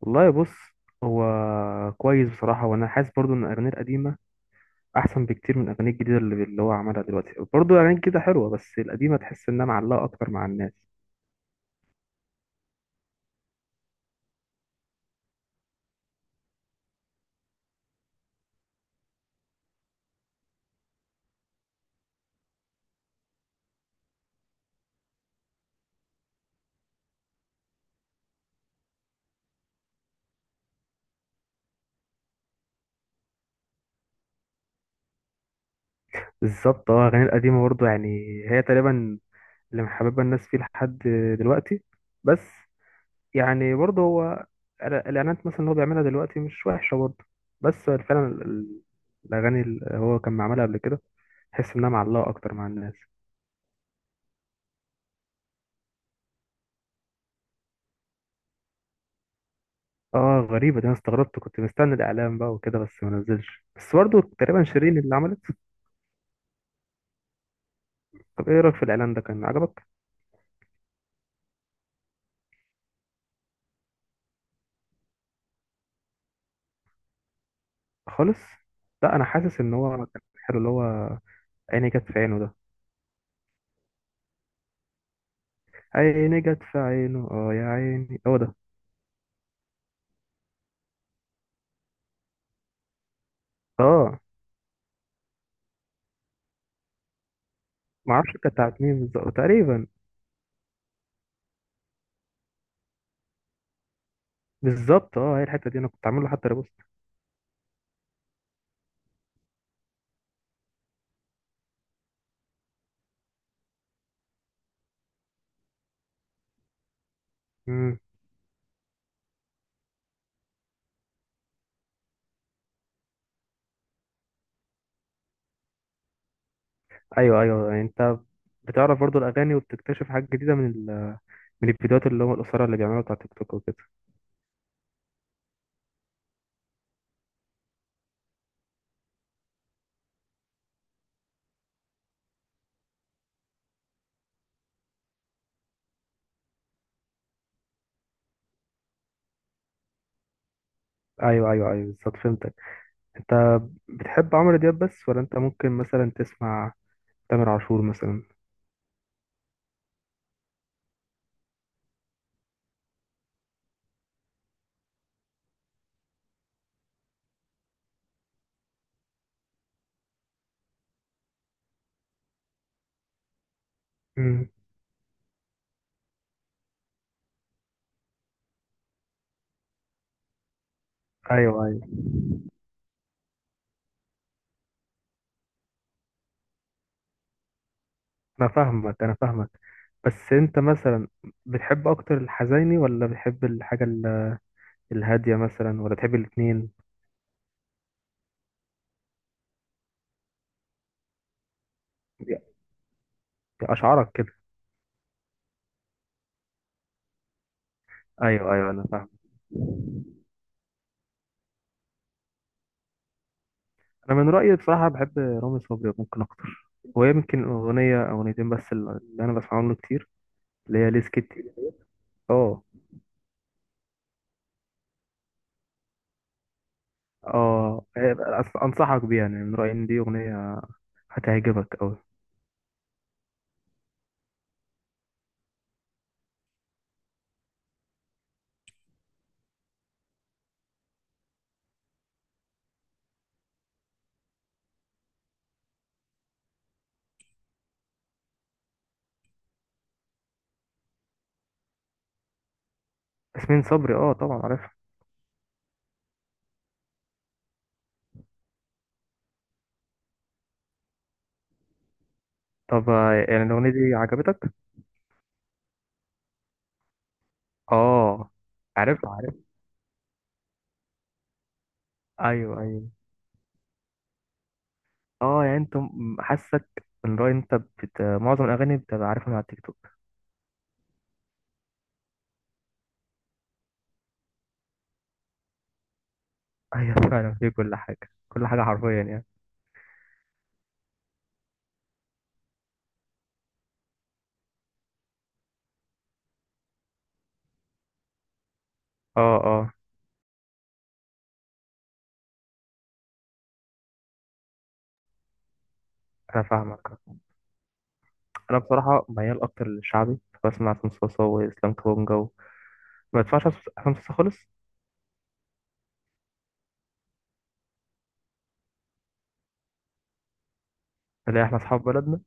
والله بص. هو كويس بصراحة، وأنا حاسس برضو إن أغانيه القديمة أحسن بكتير من أغانيه الجديدة اللي هو عملها دلوقتي. برضو أغانيه الجديدة حلوة، بس القديمة تحس إنها معلقة أكتر مع الناس. بالظبط، اه أغانيه القديمة برضو، يعني هي تقريبا اللي محببة الناس فيه لحد دلوقتي. بس يعني برضو هو الإعلانات مثلا اللي هو بيعملها دلوقتي مش وحشة برضو، بس فعلا الأغاني اللي هو كان عملها قبل كده تحس إنها معلقة أكتر مع الناس. اه غريبة دي، انا استغربت، كنت مستني الاعلان بقى وكده بس ما نزلش، بس برضه تقريبا شيرين اللي عملت. طب ايه رأيك في الاعلان ده، كان عجبك؟ خالص، لا انا حاسس ان هو كان حلو، اللي هو عيني جت في عينه ده. عيني جت في عينه، اه يا عيني هو ده. اه، ما اعرفش كانت بتاعت مين بالظبط تقريبا. بالظبط، اه هي الحتة دي انا كنت عامل له حتى ريبوست. امم ايوه ايوه، يعني انت بتعرف برضه الاغاني وبتكتشف حاجات جديدة من من الفيديوهات اللي هم القصيرة اللي بيعملوها بتاع تيك توك وكده. ايوه ايوه ايوه، بالظبط فهمتك. انت بتحب عمرو دياب بس، ولا انت ممكن مثلا تسمع تامر عاشور مثلا؟ امم ايوه ايوه، انا فاهمك انا فاهمك. بس انت مثلا بتحب اكتر الحزيني، ولا بتحب الحاجه الهاديه مثلا، ولا بتحب الاتنين؟ يا- يا اشعارك كده. ايوه ايوه انا فاهم. انا من رايي بصراحه بحب رامي صبري ممكن اكتر، ويمكن اغنيه او اغنيتين بس اللي انا بسمعهم له كتير، اللي هي ليس كتير. اه. اه، انصحك بيها، يعني من رايي ان دي اغنيه هتعجبك قوي. ياسمين صبري، اه طبعا عارفها. طب يعني الأغنية دي عجبتك؟ اه. عارفها عارف. ايوه ايوه. اه يعني انت حاسك ان رأي انت معظم الأغاني بتبقى عارفها من على التيك توك. ايوه فعلا في كل حاجة، كل حاجة حرفيا يعني. اه اه، انا فاهمك. انا بصراحة ميال اكتر للشعبي، بسمع عصام صاصا واسلام كابونجا ما بدفعش عصام صاصا خالص. اللي احنا اصحاب بلدنا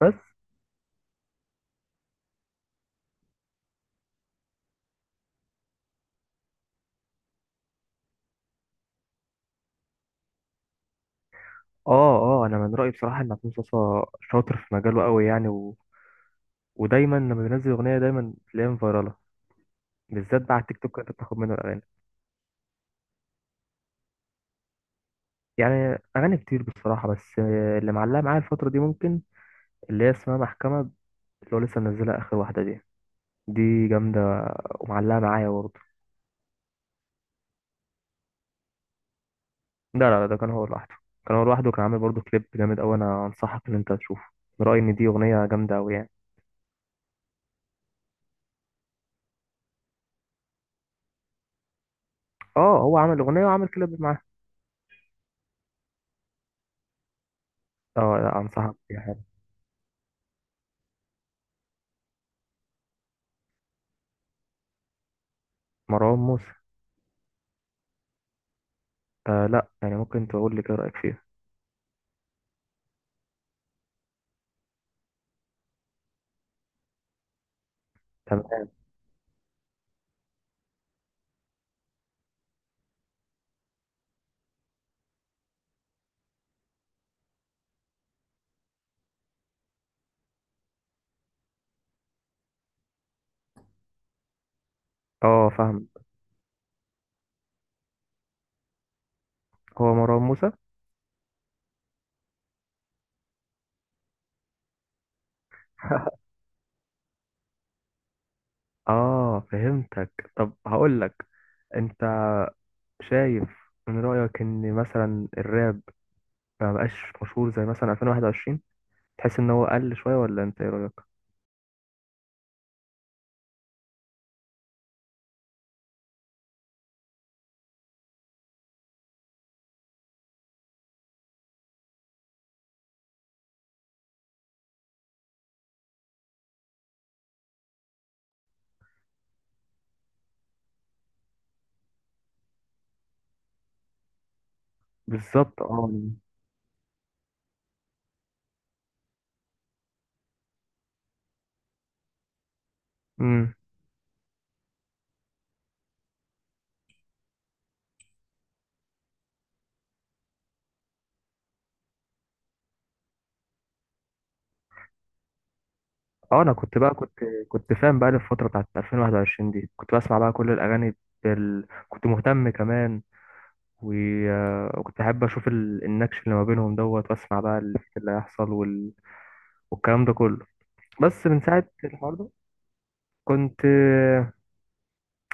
بس. اه اه، انا من رأيي بصراحة ان عصام صاصا شاطر في مجاله قوي يعني ودايما لما بينزل اغنية دايما تلاقيها فايرالة، بالذات بقى على التيك توك انت بتاخد منه الاغاني. يعني اغاني كتير بصراحه، بس اللي معلقه معايا الفتره دي ممكن اللي هي اسمها محكمه، اللي هو لسه منزلها اخر واحده دي. دي جامده ومعلقه معايا برضه. لا لا لا، ده كان هو لوحده. كان هو لوحده، كان عامل برضه كليب جامد قوي، انا انصحك ان انت تشوفه. من رايي ان دي اغنيه جامده قوي يعني. اه هو عامل اغنيه وعامل كليب معاها. اه لا، انصحك بيها، حلو. مروان موسى؟ آه لا، يعني ممكن تقول لي كده رايك فيه. تمام. اه فاهم. هو مروان موسى. اه فهمتك. طب هقول لك، انت شايف من رأيك ان مثلا الراب ما بقاش مشهور زي مثلا 2021؟ تحس ان هو قل شوية، ولا انت ايه رأيك؟ بالظبط اه. امم اه انا كنت بقى كنت فاهم بقى الفترة بتاعت 2021 دي كنت بسمع بقى كل الاغاني، كنت مهتم كمان و... وكنت احب اشوف النكش اللي ما بينهم دوت، واسمع بقى اللي هيحصل والكلام ده كله. بس من ساعة الحوار ده كنت،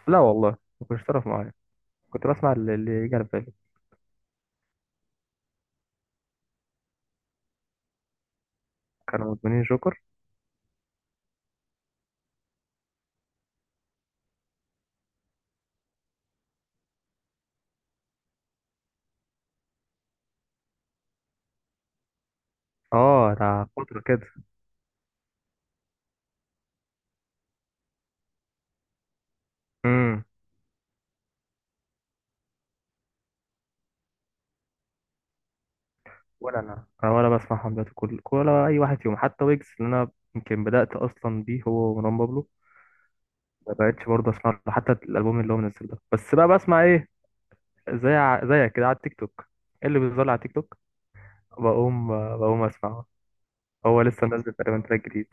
لا والله ما كنتش تعرف معايا، كنت بسمع اللي يجي على بالي. كانوا مدمنين جوكر. اه ده فترة كده. امم ولا انا، انا ولا بسمع حملات كل، ولا اي واحد فيهم حتى ويجز اللي انا يمكن بدأت اصلا بيه، هو ومروان بابلو. ما بقتش برضه اسمع له حتى الالبوم اللي هو منزل ده، بس بقى بسمع ايه؟ زي زيك كده على التيك توك. إيه اللي بيظهر لي على التيك توك بقوم بقوم اسمعه. هو لسه منزل تقريبا تراك جديد.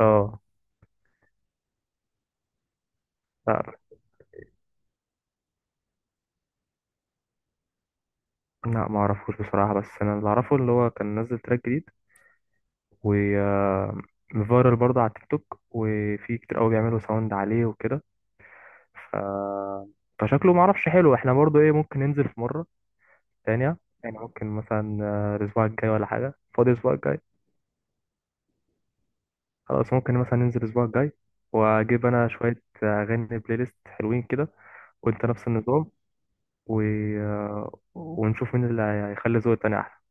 اه لا لا ما اعرفوش بصراحة، بس انا اللي اعرفه اللي هو كان نزل تراك جديد وفايرال برضه على التيك توك، وفي كتير قوي بيعملوا ساوند عليه وكده. ف... فشكله معرفش حلو. احنا برضه ايه، ممكن ننزل في مرة تانية، يعني ممكن مثلا الأسبوع الجاي ولا حاجة؟ فاضي الأسبوع الجاي. خلاص، ممكن مثلا ننزل الأسبوع الجاي، وأجيب أنا شوية أغاني بلاي ليست حلوين كده. وأنت نفس النظام. و... ونشوف مين اللي هيخلي ذوق التاني أحلى.